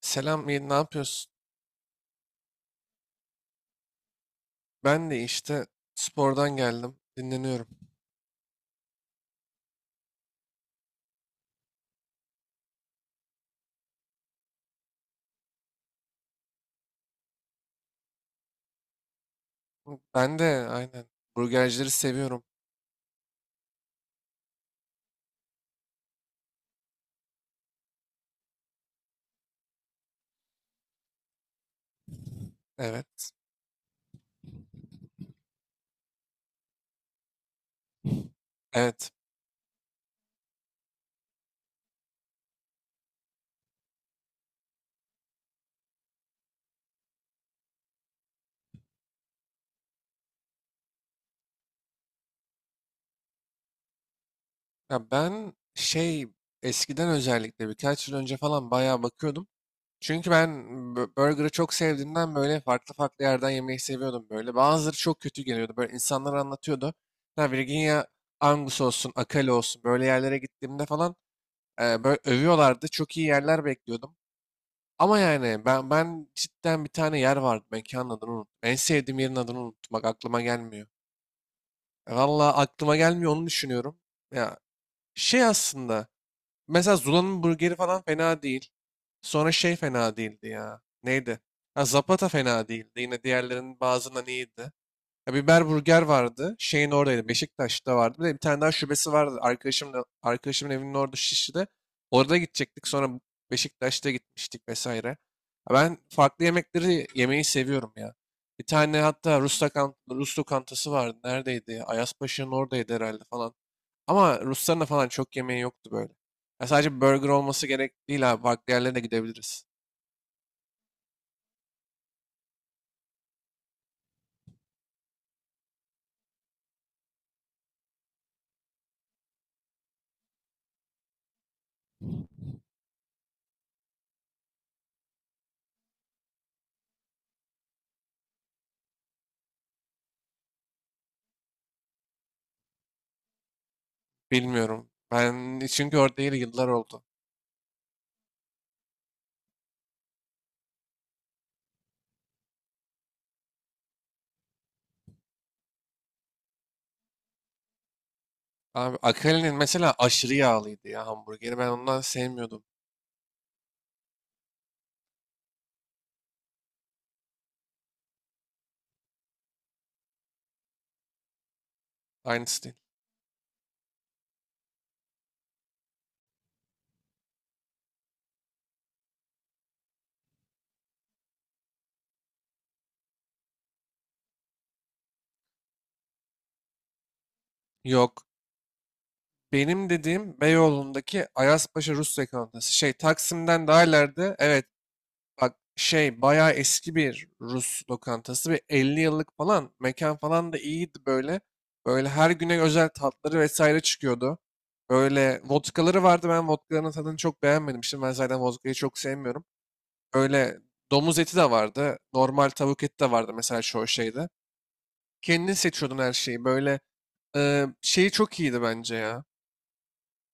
Selam, iyi, ne yapıyorsun? Ben de işte spordan geldim, dinleniyorum. Ben de aynen burgercileri seviyorum. Evet, evet. Ya ben şey eskiden özellikle birkaç yıl önce falan bayağı bakıyordum. Çünkü ben burgerı çok sevdiğimden böyle farklı farklı yerden yemeyi seviyordum böyle. Bazıları çok kötü geliyordu. Böyle insanlar anlatıyordu. Ya Virginia Angus olsun, Akali olsun böyle yerlere gittiğimde falan böyle övüyorlardı. Çok iyi yerler bekliyordum. Ama yani ben cidden bir tane yer vardı. Mekanın adını unuttum. En sevdiğim yerin adını unuttum. Bak aklıma gelmiyor. Vallahi aklıma gelmiyor onu düşünüyorum. Ya şey aslında. Mesela Zula'nın burgeri falan fena değil. Sonra şey fena değildi ya. Neydi? Ha, Zapata fena değildi. Yine diğerlerinin bazılarından iyiydi. Ya biber burger vardı. Şeyin oradaydı. Beşiktaş'ta vardı. Bir de bir tane daha şubesi vardı. Arkadaşımın evinin orada Şişli'de. Orada gidecektik. Sonra Beşiktaş'ta gitmiştik vesaire. Ya ben farklı yemekleri yemeyi seviyorum ya. Bir tane hatta Rus, Rus lokantası vardı. Neredeydi? Ayazpaşa'nın oradaydı herhalde falan. Ama Rusların da falan çok yemeği yoktu böyle. Ya sadece burger olması gerek değil abi. Farklı yerlere de gidebiliriz. Bilmiyorum. Ben çünkü orada değil yıllar oldu. Abi Akali'nin mesela aşırı yağlıydı ya hamburgeri. Ben ondan sevmiyordum. Aynısı değil. Yok. Benim dediğim Beyoğlu'ndaki Ayazpaşa Rus lokantası. Şey Taksim'den daha ileride. Evet. Bak şey bayağı eski bir Rus lokantası. Bir 50 yıllık falan. Mekan falan da iyiydi böyle. Böyle her güne özel tatları vesaire çıkıyordu. Böyle vodkaları vardı. Ben vodkaların tadını çok beğenmedim. Şimdi ben zaten vodkayı çok sevmiyorum. Böyle domuz eti de vardı. Normal tavuk eti de vardı mesela şu şeyde. Kendin seçiyordun her şeyi. Böyle şeyi çok iyiydi bence ya.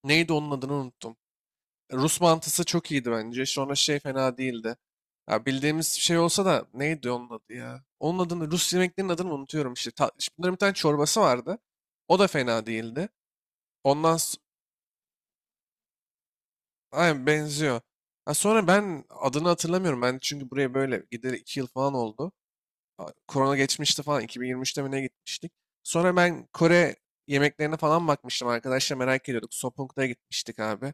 Neydi onun adını unuttum. Rus mantısı çok iyiydi bence. Sonra şey fena değildi. Ya bildiğimiz bir şey olsa da neydi onun adı ya? Onun adını Rus yemeklerinin adını unutuyorum işte. Ta, işte bunların bir tane çorbası vardı. O da fena değildi. Ondan s- aynen benziyor. Ha, sonra ben adını hatırlamıyorum. Ben çünkü buraya böyle gideli 2 yıl falan oldu. Korona geçmişti falan 2023'te mi ne gitmiştik. Sonra ben Kore yemeklerine falan bakmıştım, arkadaşlar merak ediyorduk. Sopung'da gitmiştik abi.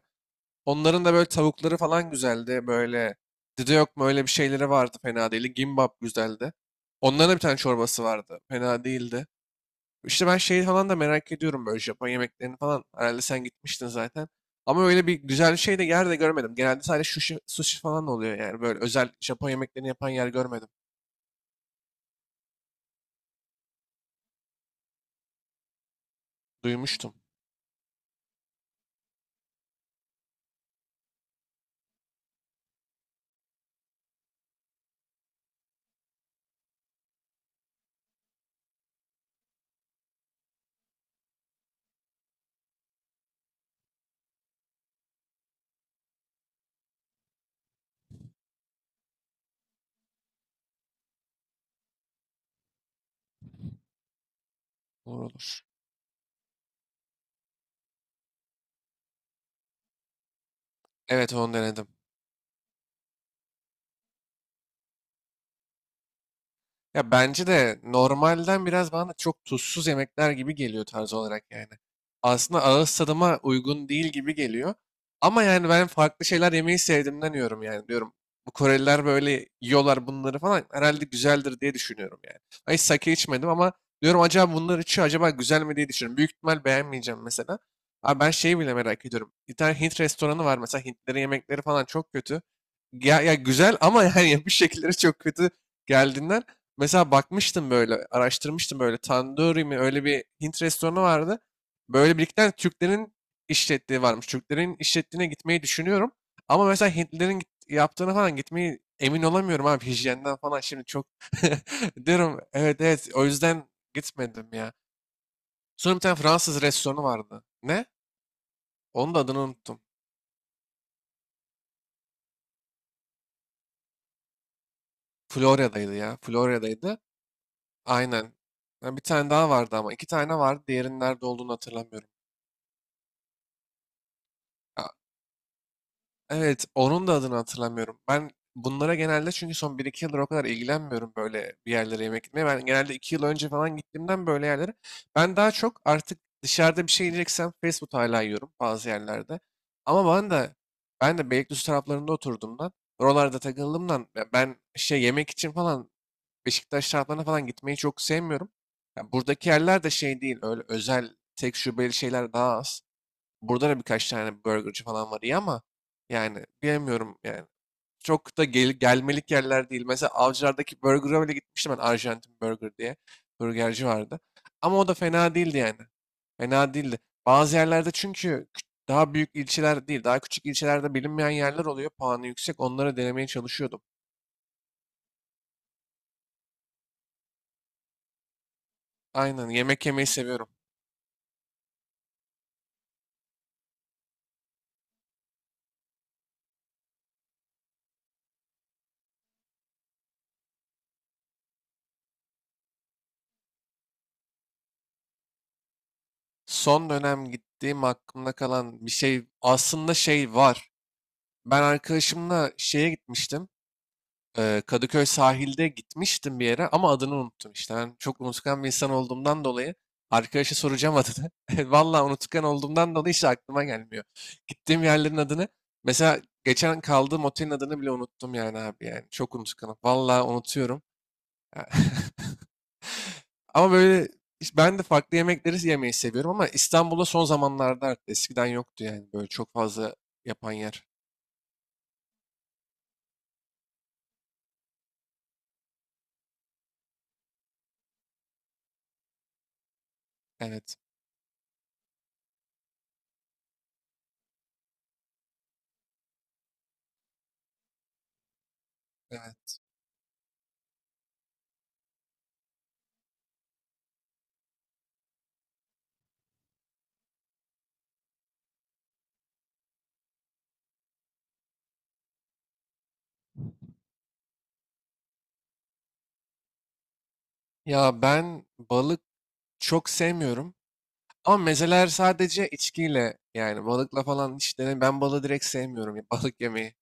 Onların da böyle tavukları falan güzeldi. Böyle dide yok mu öyle bir şeyleri vardı fena değildi. Gimbap güzeldi. Onların da bir tane çorbası vardı. Fena değildi. İşte ben şeyi falan da merak ediyorum böyle Japon yemeklerini falan. Herhalde sen gitmiştin zaten. Ama öyle bir güzel şey de yer de görmedim. Genelde sadece sushi, sushi falan oluyor yani. Böyle özel Japon yemeklerini yapan yer görmedim. Duymuştum. Olur olur. Evet onu denedim. Ya bence de normalden biraz bana çok tuzsuz yemekler gibi geliyor tarz olarak yani. Aslında ağız tadıma uygun değil gibi geliyor. Ama yani ben farklı şeyler yemeyi sevdiğimden yiyorum yani diyorum. Bu Koreliler böyle yiyorlar bunları falan herhalde güzeldir diye düşünüyorum yani. Ben hiç sake içmedim ama diyorum acaba bunlar içiyor acaba güzel mi diye düşünüyorum. Büyük ihtimal beğenmeyeceğim mesela. Abi ben şeyi bile merak ediyorum. Bir tane Hint restoranı var mesela, Hintlerin yemekleri falan çok kötü. Ya, ya güzel ama yani yapış şekilleri çok kötü geldiğinden. Mesela bakmıştım böyle, araştırmıştım böyle. Tandoori mi öyle bir Hint restoranı vardı. Böyle birlikte Türklerin işlettiği varmış. Türklerin işlettiğine gitmeyi düşünüyorum. Ama mesela Hintlilerin yaptığına falan gitmeyi emin olamıyorum abi. Hijyenden falan şimdi çok diyorum. Evet evet o yüzden gitmedim ya. Sonra bir tane Fransız restoranı vardı. Ne? Onun da adını unuttum. Florya'daydı ya. Florya'daydı. Aynen. Ha, bir tane daha vardı ama. İki tane vardı. Diğerinin nerede olduğunu hatırlamıyorum. Evet, onun da adını hatırlamıyorum. Ben bunlara genelde çünkü son bir iki yıldır o kadar ilgilenmiyorum böyle bir yerlere yemek gitmeye. Ben genelde 2 yıl önce falan gittiğimden böyle yerlere. Ben daha çok artık dışarıda bir şey yiyeceksem fast food hala yiyorum bazı yerlerde. Ama ben de Beylikdüzü taraflarında oturduğumdan, oralarda takıldığımdan ya ben şey yemek için falan Beşiktaş taraflarına falan gitmeyi çok sevmiyorum. Ya buradaki yerler de şey değil, öyle özel tek şubeli şeyler daha az. Burada da birkaç tane burgerci falan var iyi ama yani bilemiyorum yani. Çok da gelmelik yerler değil. Mesela Avcılar'daki burger'a bile gitmiştim ben, Arjantin Burger diye. Burgerci vardı. Ama o da fena değildi yani. Fena değildi. Bazı yerlerde çünkü daha büyük ilçeler değil, daha küçük ilçelerde bilinmeyen yerler oluyor. Puanı yüksek. Onları denemeye çalışıyordum. Aynen yemek yemeyi seviyorum. Son dönem gittiğim aklımda kalan bir şey aslında şey var. Ben arkadaşımla şeye gitmiştim. Kadıköy sahilde gitmiştim bir yere ama adını unuttum işte. Ben çok unutkan bir insan olduğumdan dolayı arkadaşa soracağım adını. Vallahi unutkan olduğumdan dolayı hiç aklıma gelmiyor. Gittiğim yerlerin adını. Mesela geçen kaldığım otelin adını bile unuttum yani abi yani. Çok unutkanım. Vallahi unutuyorum. Ama böyle işte ben de farklı yemekleri yemeyi seviyorum ama İstanbul'da son zamanlarda arttı. Eskiden yoktu yani böyle çok fazla yapan yer. Evet. Evet. Ya ben balık çok sevmiyorum. Ama mezeler sadece içkiyle, yani balıkla falan hiç denem. Ben balığı direkt sevmiyorum ya balık yemeyi.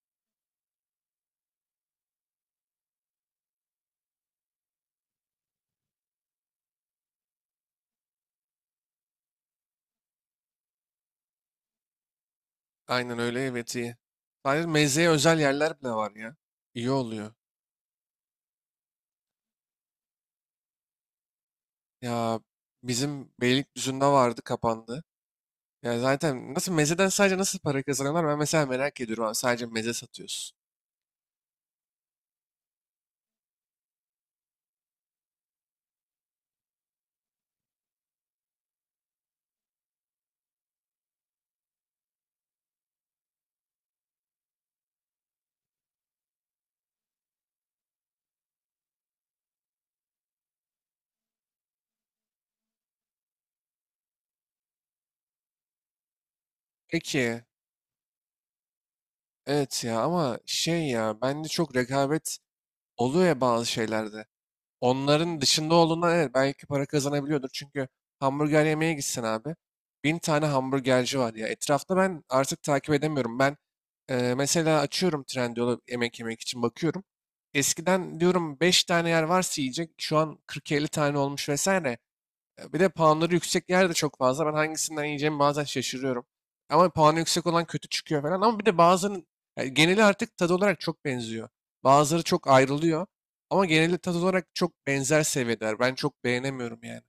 Aynen öyle, evet, iyi. Sadece mezeye özel yerler bile var ya. İyi oluyor. Ya bizim Beylikdüzü'nde vardı, kapandı. Ya zaten nasıl mezeden sadece nasıl para kazanıyorlar ben mesela merak ediyorum. Abi, sadece meze satıyorsun. Peki evet ya ama şey ya bence çok rekabet oluyor ya bazı şeylerde. Onların dışında olduğundan evet belki para kazanabiliyordur. Çünkü hamburger yemeye gitsen abi. Bin tane hamburgerci var ya. Etrafta ben artık takip edemiyorum. Ben mesela açıyorum Trendyol'u yemek yemek için bakıyorum. Eskiden diyorum 5 tane yer varsa yiyecek. Şu an 40-50 tane olmuş vesaire. Bir de puanları yüksek yer de çok fazla. Ben hangisinden yiyeceğimi bazen şaşırıyorum. Ama puanı yüksek olan kötü çıkıyor falan. Ama bir de bazının yani geneli artık tadı olarak çok benziyor. Bazıları çok ayrılıyor. Ama geneli tadı olarak çok benzer seviyeler. Ben çok beğenemiyorum yani.